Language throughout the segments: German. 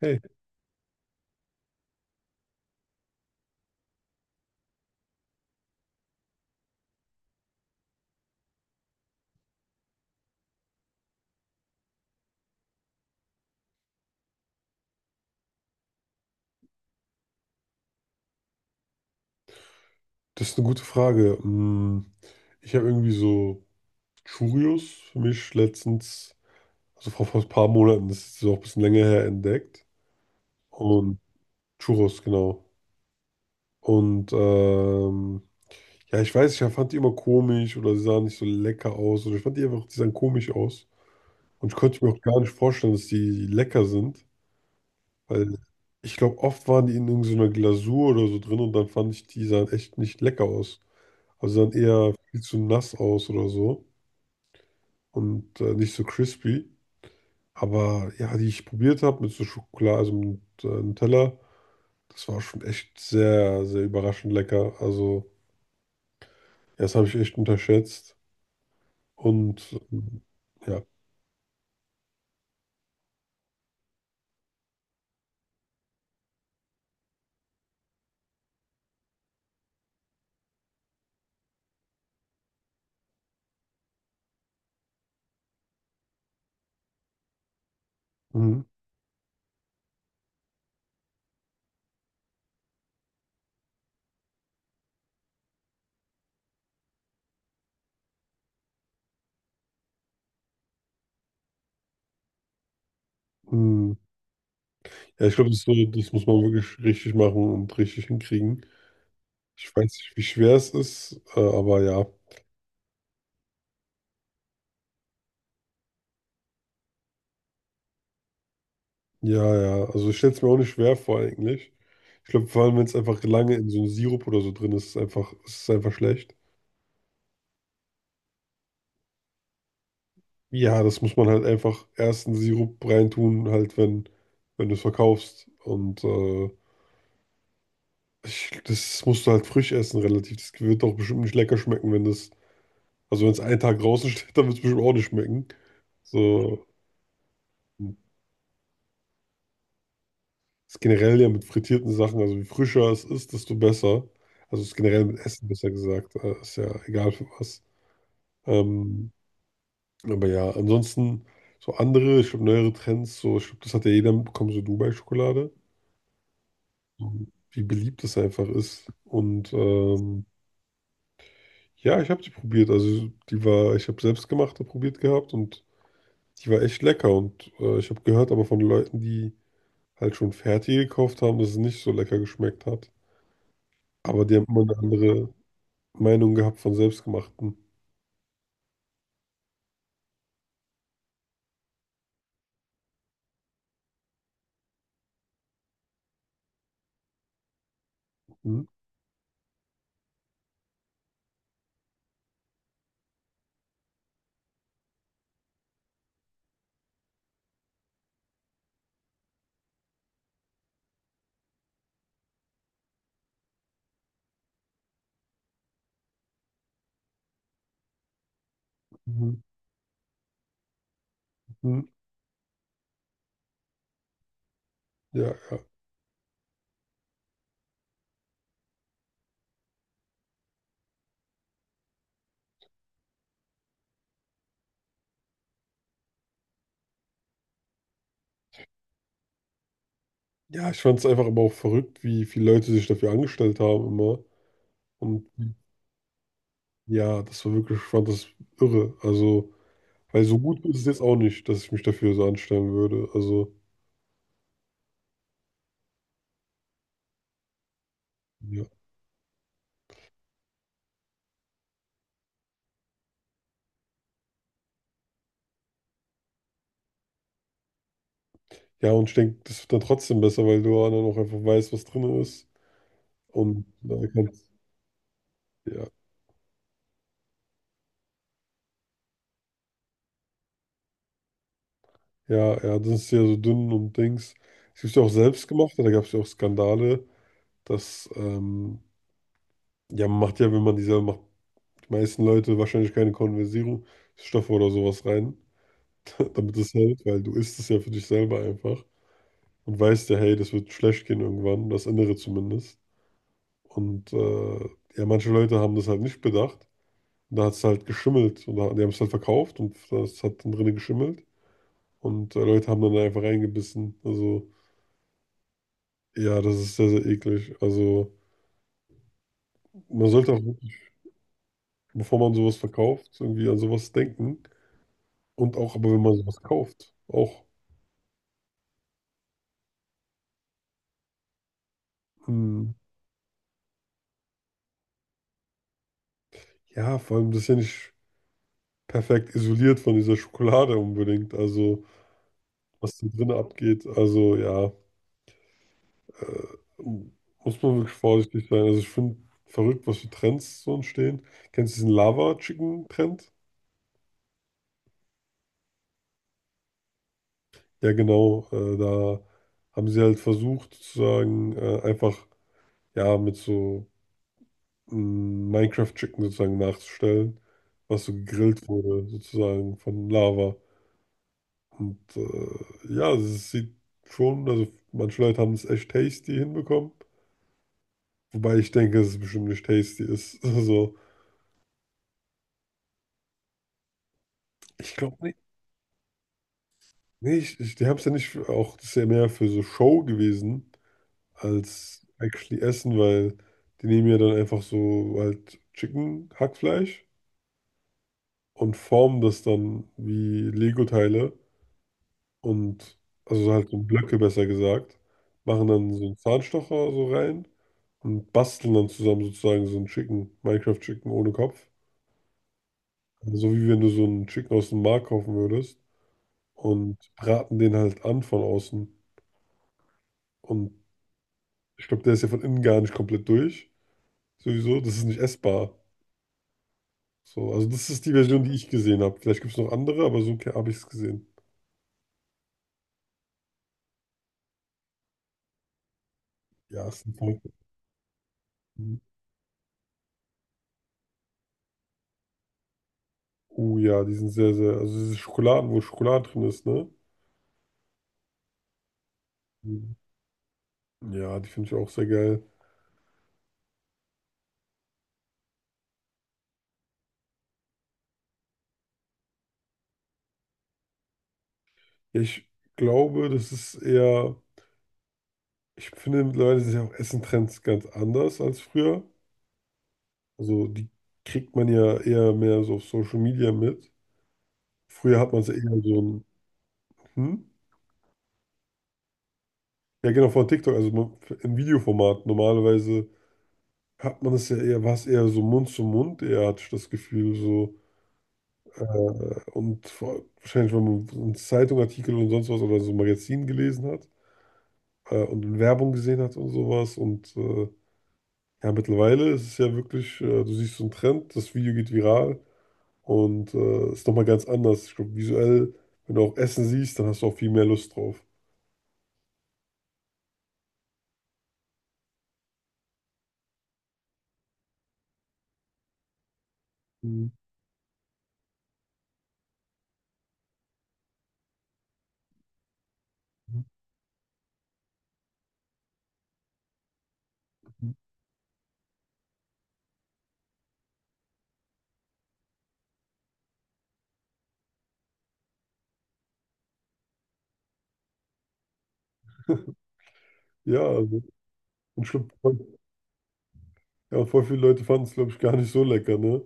Hey, das ist eine gute Frage. Hm, ich habe irgendwie so Churios für mich letztens, also vor ein paar Monaten, das ist auch ein bisschen länger her, entdeckt. Und Churros, genau. Und ja, ich weiß, ich fand die immer komisch oder sie sahen nicht so lecker aus oder ich fand die einfach, die sahen komisch aus. Und ich konnte mir auch gar nicht vorstellen, dass die lecker sind, weil ich glaube, oft waren die in irgendeiner Glasur oder so drin und dann fand ich, die sahen echt nicht lecker aus. Also sahen eher viel zu nass aus oder so. Und nicht so crispy. Aber ja, die ich probiert habe mit so Schokolade, also mit Nutella, das war schon echt sehr, sehr überraschend lecker. Also, ja, das habe ich echt unterschätzt. Und ja, mhm. Mhm. Ja, ich glaube, das ist so, das muss man wirklich richtig machen und richtig hinkriegen. Ich weiß nicht, wie schwer es ist, aber ja, ja, ja. Also, ich stelle es mir auch nicht schwer vor, eigentlich. Ich glaube, vor allem, wenn es einfach lange in so einem Sirup oder so drin ist, ist es einfach schlecht. Ja, das muss man halt einfach erst in den Sirup reintun, halt wenn du es verkaufst. Und das musst du halt frisch essen, relativ. Das wird doch bestimmt nicht lecker schmecken, wenn das, also wenn es einen Tag draußen steht, dann wird es bestimmt auch nicht schmecken. So, das ist generell ja mit frittierten Sachen, also je frischer es ist, desto besser. Also es ist generell mit Essen besser gesagt, ist ja egal für was. Ähm, aber ja, ansonsten so andere, ich glaube neuere Trends, so ich glaube, das hat ja jeder mitbekommen, so Dubai-Schokolade. Wie beliebt es einfach ist. Und ja, ich habe die probiert. Also die war, ich habe selbstgemachte probiert gehabt und die war echt lecker. Und ich habe gehört aber von Leuten, die halt schon fertig gekauft haben, dass es nicht so lecker geschmeckt hat. Aber die haben immer eine andere Meinung gehabt von selbstgemachten. Mhm. Mhm. Mhm. Ja, ja. Ja, ich fand es einfach aber auch verrückt, wie viele Leute sich dafür angestellt haben immer. Und ja, das war wirklich, ich fand das irre. Also weil so gut ist es jetzt auch nicht, dass ich mich dafür so anstellen würde. Also, ja. Ja, und ich denke, das wird dann trotzdem besser, weil du dann auch einfach weißt, was drin ist. Und da kannst, ja, ja, ja, das ist ja so dünn und Dings. Es gibt ja auch selbstgemachte, da gab es ja auch Skandale, dass, ähm, ja, man macht ja, wenn man die selber macht, die meisten Leute wahrscheinlich keine Konservierungsstoffe oder sowas rein, damit es hält, weil du isst es ja für dich selber einfach und weißt ja, hey, das wird schlecht gehen irgendwann, das Innere zumindest. Und ja, manche Leute haben das halt nicht bedacht. Und da hat es halt geschimmelt. Und da, die haben es halt verkauft und das hat dann drinnen geschimmelt. Und Leute haben dann einfach reingebissen. Also, ja, das ist sehr, sehr eklig. Also, man sollte auch wirklich, bevor man sowas verkauft, irgendwie an sowas denken. Und auch, aber wenn man sowas kauft, auch, hm, ja, vor allem, das ist ja nicht perfekt isoliert von dieser Schokolade unbedingt. Also, was da drinnen abgeht. Also, ja. Äh, muss man wirklich vorsichtig sein. Also ich finde verrückt, was für Trends so entstehen. Kennst du diesen Lava-Chicken-Trend? Ja, genau. Da haben sie halt versucht, sozusagen einfach ja mit so mh, Minecraft-Chicken sozusagen nachzustellen, was so gegrillt wurde, sozusagen von Lava. Und ja, also es sieht schon, also manche Leute haben es echt tasty hinbekommen. Wobei ich denke, dass es bestimmt nicht tasty ist. Also, ich glaube, nee, die haben es ja nicht für, auch, das ist ja mehr für so Show gewesen als actually Essen, weil die nehmen ja dann einfach so halt Chicken, Hackfleisch und formen das dann wie Lego-Teile und also so halt so Blöcke besser gesagt, machen dann so einen Zahnstocher so rein und basteln dann zusammen sozusagen so ein Chicken, Minecraft-Chicken ohne Kopf. Also so wie wenn du so einen Chicken aus dem Markt kaufen würdest und braten den halt an von außen. Und ich glaube, der ist ja von innen gar nicht komplett durch. Sowieso, das ist nicht essbar. So, also das ist die Version, die ich gesehen habe. Vielleicht gibt es noch andere, aber so habe ich es gesehen. Ja, es sind voll. Oh ja, die sind sehr, sehr. Also diese Schokoladen, wo Schokolade drin ist, ne? Mhm. Ja, die finde ich auch sehr geil. Ja, ich glaube, das ist eher. Ich finde mittlerweile sind ja auch Essentrends ganz anders als früher. Also die kriegt man ja eher mehr so auf Social Media mit. Früher hat man es ja eher so ein. Hm? Ja, genau, von TikTok, also man- im Videoformat. Normalerweise hat man es ja eher, war es eher so Mund zu Mund, eher hatte ich das Gefühl, so. Und vor, wahrscheinlich, wenn man so einen Zeitungartikel und sonst was oder so ein Magazin gelesen hat und Werbung gesehen hat und sowas. Und ja, mittlerweile ist es ja wirklich, du siehst so einen Trend, das Video geht viral und ist nochmal ganz anders. Ich glaube, visuell, wenn du auch Essen siehst, dann hast du auch viel mehr Lust drauf. Mhm. Ja, also, und ich glaube, ja, voll viele Leute fanden es, glaube ich, gar nicht so lecker, ne?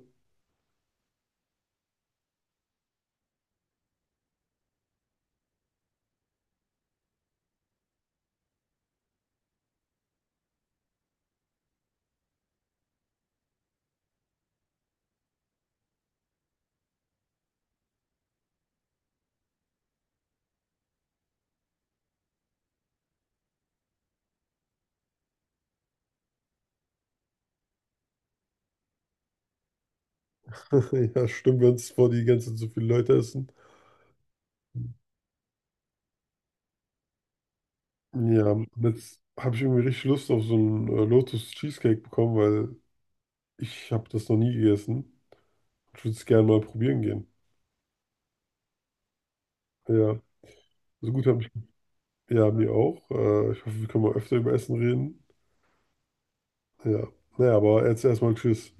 Ja, stimmt, wenn es vor die ganze Zeit so viele Leute essen. Ja, und jetzt habe ich irgendwie richtig Lust auf so einen Lotus Cheesecake bekommen, weil ich habe das noch nie gegessen. Ich würde es gerne mal probieren gehen. Ja, so gut habe ich. Ja, mir auch. Ich hoffe, wir können mal öfter über Essen reden. Ja, naja, aber jetzt erstmal Tschüss.